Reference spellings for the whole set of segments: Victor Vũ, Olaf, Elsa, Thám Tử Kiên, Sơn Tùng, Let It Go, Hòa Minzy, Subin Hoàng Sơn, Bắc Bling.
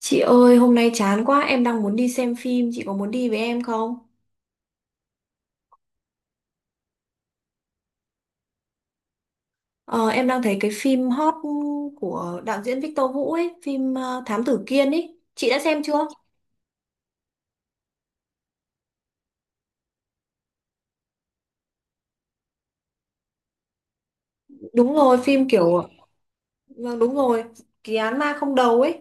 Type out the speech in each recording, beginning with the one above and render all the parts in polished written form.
Chị ơi, hôm nay chán quá, em đang muốn đi xem phim, chị có muốn đi với em không? Ờ, em đang thấy cái phim hot của đạo diễn Victor Vũ ấy, phim Thám Tử Kiên ấy. Chị đã xem chưa? Đúng rồi, phim kiểu, vâng đúng rồi, kỳ án ma không đầu ấy.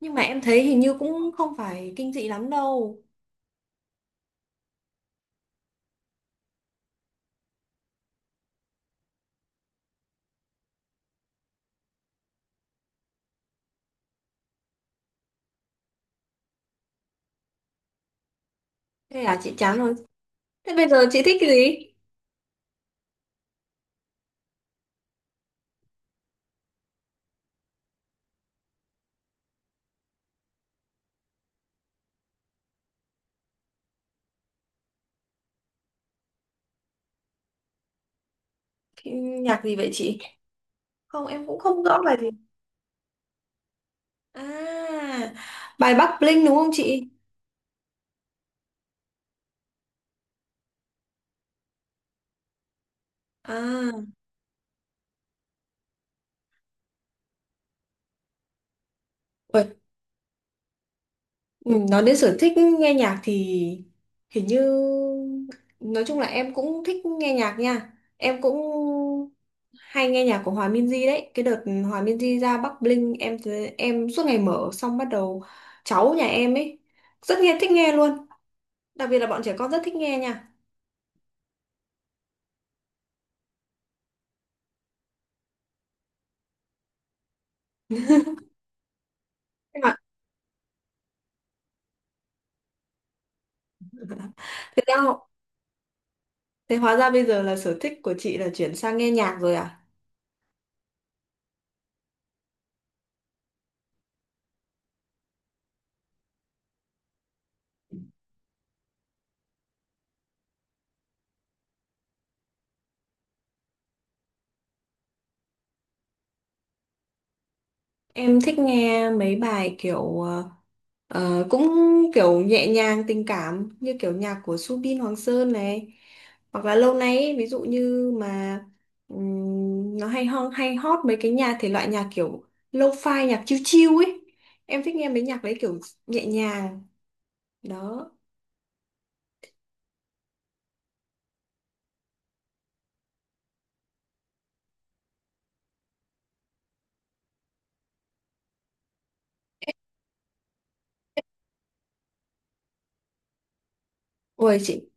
Nhưng mà em thấy hình như cũng không phải kinh dị lắm đâu. Thế là chị chán rồi. Thế bây giờ chị thích cái gì? Nhạc gì vậy chị? Không, em cũng không rõ bài gì. À, bài Bắc Bling đúng không chị? À. Ừ, nói đến sở thích nghe nhạc thì hình như nói chung là em cũng thích nghe nhạc nha, em cũng hay nghe nhạc của Hòa Minzy đấy, cái đợt Hòa Minzy ra Bắc Bling em thấy- em suốt ngày mở xong bắt đầu cháu nhà em ấy rất nghe thích nghe luôn, đặc biệt là bọn trẻ con rất thích nghe nha, thế mà thế ra thế hóa ra bây giờ là sở thích của chị là chuyển sang nghe nhạc rồi à? Em thích nghe mấy bài kiểu cũng kiểu nhẹ nhàng tình cảm như kiểu nhạc của Subin Hoàng Sơn này, hoặc là lâu nay ấy, ví dụ như mà nó hay ho hay hot mấy cái nhà thể loại nhạc kiểu lo-fi nhạc chill chill ấy, em thích nghe mấy nhạc đấy kiểu nhẹ nhàng đó. Ôi chị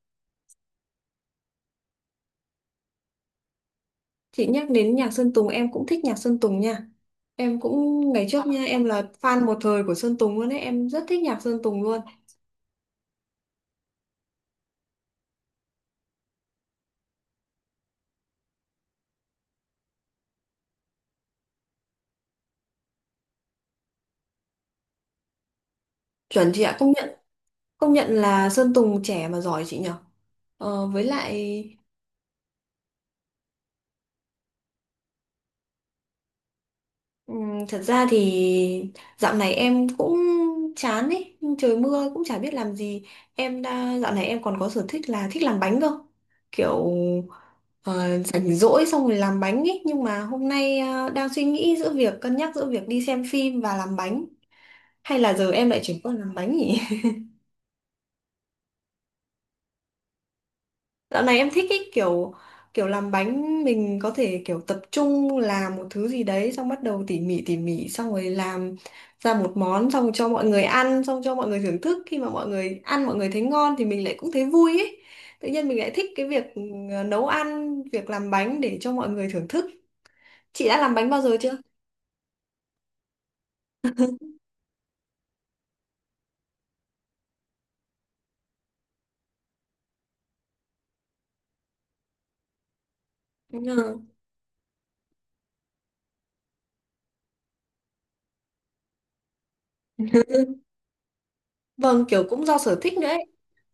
chị nhắc đến nhạc Sơn Tùng em cũng thích nhạc Sơn Tùng nha, em cũng ngày trước nha, em là fan một thời của Sơn Tùng luôn ấy, em rất thích nhạc Sơn Tùng luôn. Chuẩn chị ạ, công nhận. Công nhận là Sơn Tùng trẻ mà giỏi chị nhở. Ờ, với lại thật ra thì dạo này em cũng chán ấy, trời mưa cũng chả biết làm gì. Em đã dạo này em còn có sở thích là thích làm bánh cơ. Kiểu rảnh rỗi xong rồi làm bánh ấy, nhưng mà hôm nay đang suy nghĩ giữa việc cân nhắc giữa việc đi xem phim và làm bánh, hay là giờ em lại chuyển qua làm bánh nhỉ? Dạo này em thích cái kiểu kiểu làm bánh mình có thể kiểu tập trung làm một thứ gì đấy xong bắt đầu tỉ mỉ xong rồi làm ra một món xong cho mọi người ăn, xong cho mọi người thưởng thức, khi mà mọi người ăn mọi người thấy ngon thì mình lại cũng thấy vui ấy. Tự nhiên mình lại thích cái việc ừ, nấu ăn, việc làm bánh để cho mọi người thưởng thức. Chị đã làm bánh bao giờ chưa? Ừ. Vâng, kiểu cũng do sở thích nữa ấy.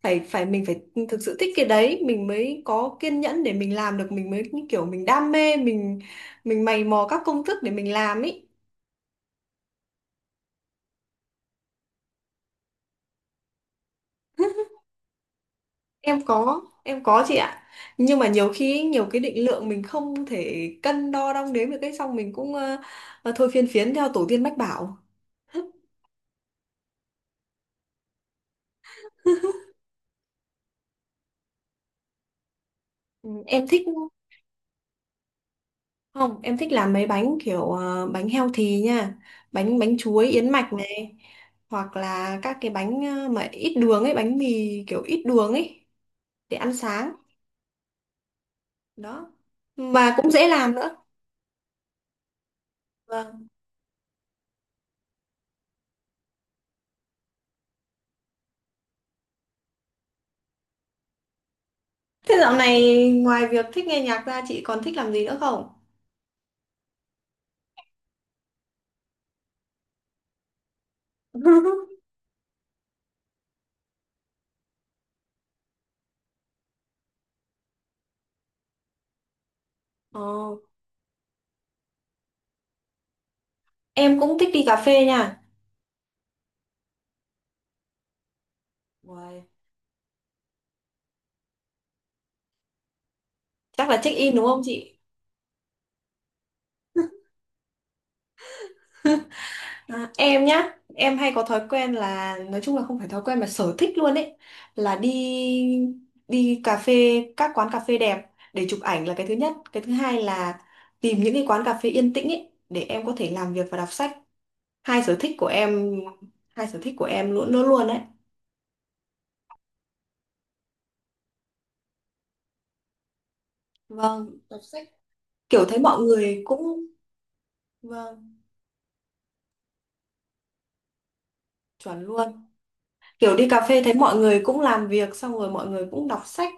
Phải phải mình phải thực sự thích cái đấy mình mới có kiên nhẫn để mình làm được, mình mới như kiểu mình đam mê, mình mày mò các công thức để mình làm ý. Em có, em có chị ạ, nhưng mà nhiều khi ý, nhiều cái định lượng mình không thể cân đo đong đếm được cái xong mình cũng thôi phiên phiến theo tổ tiên mách bảo. Ừ, em thích, không em thích làm mấy bánh kiểu bánh healthy nha, bánh bánh chuối yến mạch này, hoặc là các cái bánh mà ít đường ấy, bánh mì kiểu ít đường ấy để ăn sáng đó, mà cũng dễ làm nữa. Vâng, thế dạo này ngoài việc thích nghe nhạc ra chị còn thích làm gì nữa không? Ồ, em cũng thích đi cà phê nha. Uầy, chắc là check in đúng không chị? À, em nhá, em hay có thói quen là nói chung là không phải thói quen mà sở thích luôn ấy, là đi đi cà phê các quán cà phê đẹp để chụp ảnh là cái thứ nhất, cái thứ hai là tìm những cái quán cà phê yên tĩnh ấy để em có thể làm việc và đọc sách. Hai sở thích của em, hai sở thích của em luôn luôn luôn đấy. Vâng đọc sách, kiểu thấy mọi người cũng, vâng chuẩn luôn, kiểu đi cà phê thấy mọi người cũng làm việc xong rồi mọi người cũng đọc sách,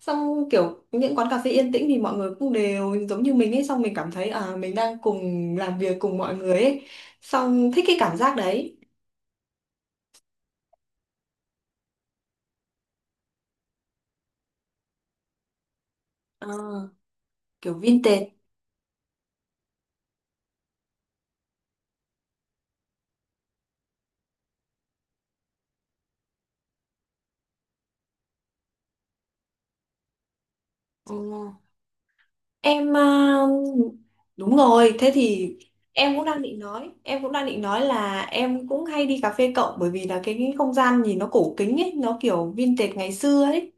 xong kiểu những quán cà phê yên tĩnh thì mọi người cũng đều giống như mình ấy, xong mình cảm thấy à mình đang cùng làm việc cùng mọi người ấy, xong thích cái cảm giác đấy. Ờ, kiểu vintage. Ừ. Em đúng rồi, thế thì em cũng đang định nói, em cũng đang định nói là em cũng hay đi cà phê cộng bởi vì là cái không gian nhìn nó cổ kính ấy, nó kiểu vintage ngày xưa ấy.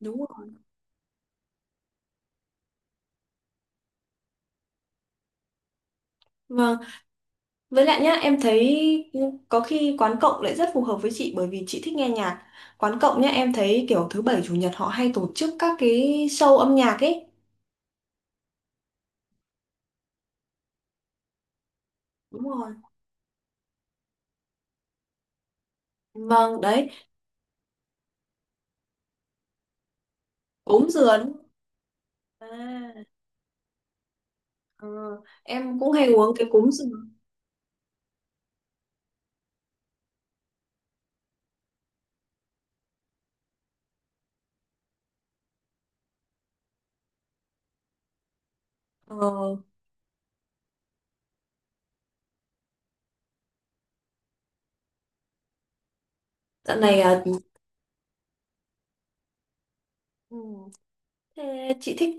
Đúng rồi. Vâng, với lại nhá, em thấy có khi quán cộng lại rất phù hợp với chị bởi vì chị thích nghe nhạc. Quán cộng nhá, em thấy kiểu thứ bảy chủ nhật họ hay tổ chức các cái show âm nhạc ấy. Đúng rồi. Vâng, đấy, cúng sườn. À, ờ, em cũng hay uống cái cúng sườn. Ờ, dạo này à, ừ. Thế chị thích,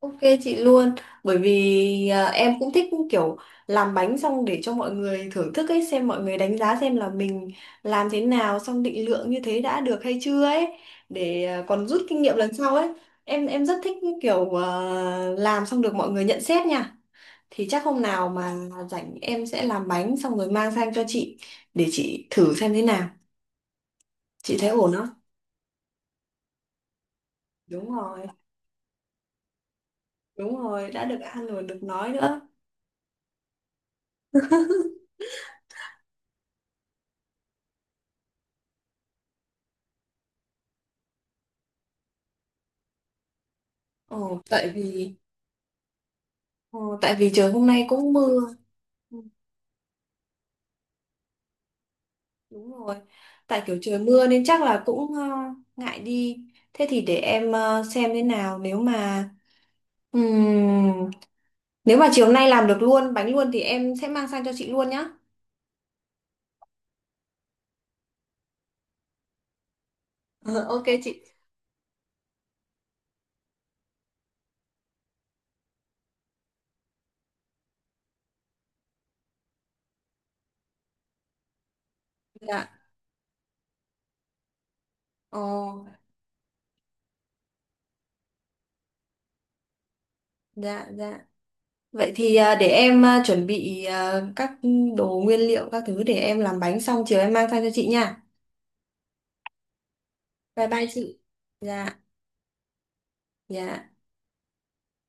ok chị luôn, bởi vì em cũng thích kiểu làm bánh xong để cho mọi người thưởng thức ấy, xem mọi người đánh giá xem là mình làm thế nào, xong định lượng như thế đã được hay chưa ấy, để còn rút kinh nghiệm lần sau ấy. Em rất thích kiểu làm xong được mọi người nhận xét nha, thì chắc hôm nào mà rảnh em sẽ làm bánh xong rồi mang sang cho chị để chị thử xem thế nào, chị thấy ổn không. Đúng rồi, đúng rồi, đã được ăn rồi được nói nữa. Ồ, tại vì Ờ, tại vì trời hôm nay cũng mưa. Ừ, đúng rồi. Tại kiểu trời mưa nên chắc là cũng ngại đi. Thế thì để em xem thế nào, ừm, nếu mà chiều nay làm được luôn bánh luôn thì em sẽ mang sang cho chị luôn nhá. Ờ, ok chị. Dạ. Ồ, dạ dạ. Vậy thì để em chuẩn bị các đồ nguyên liệu các thứ để em làm bánh xong chiều em mang sang cho chị nha. Bye bye chị. Dạ, dạ.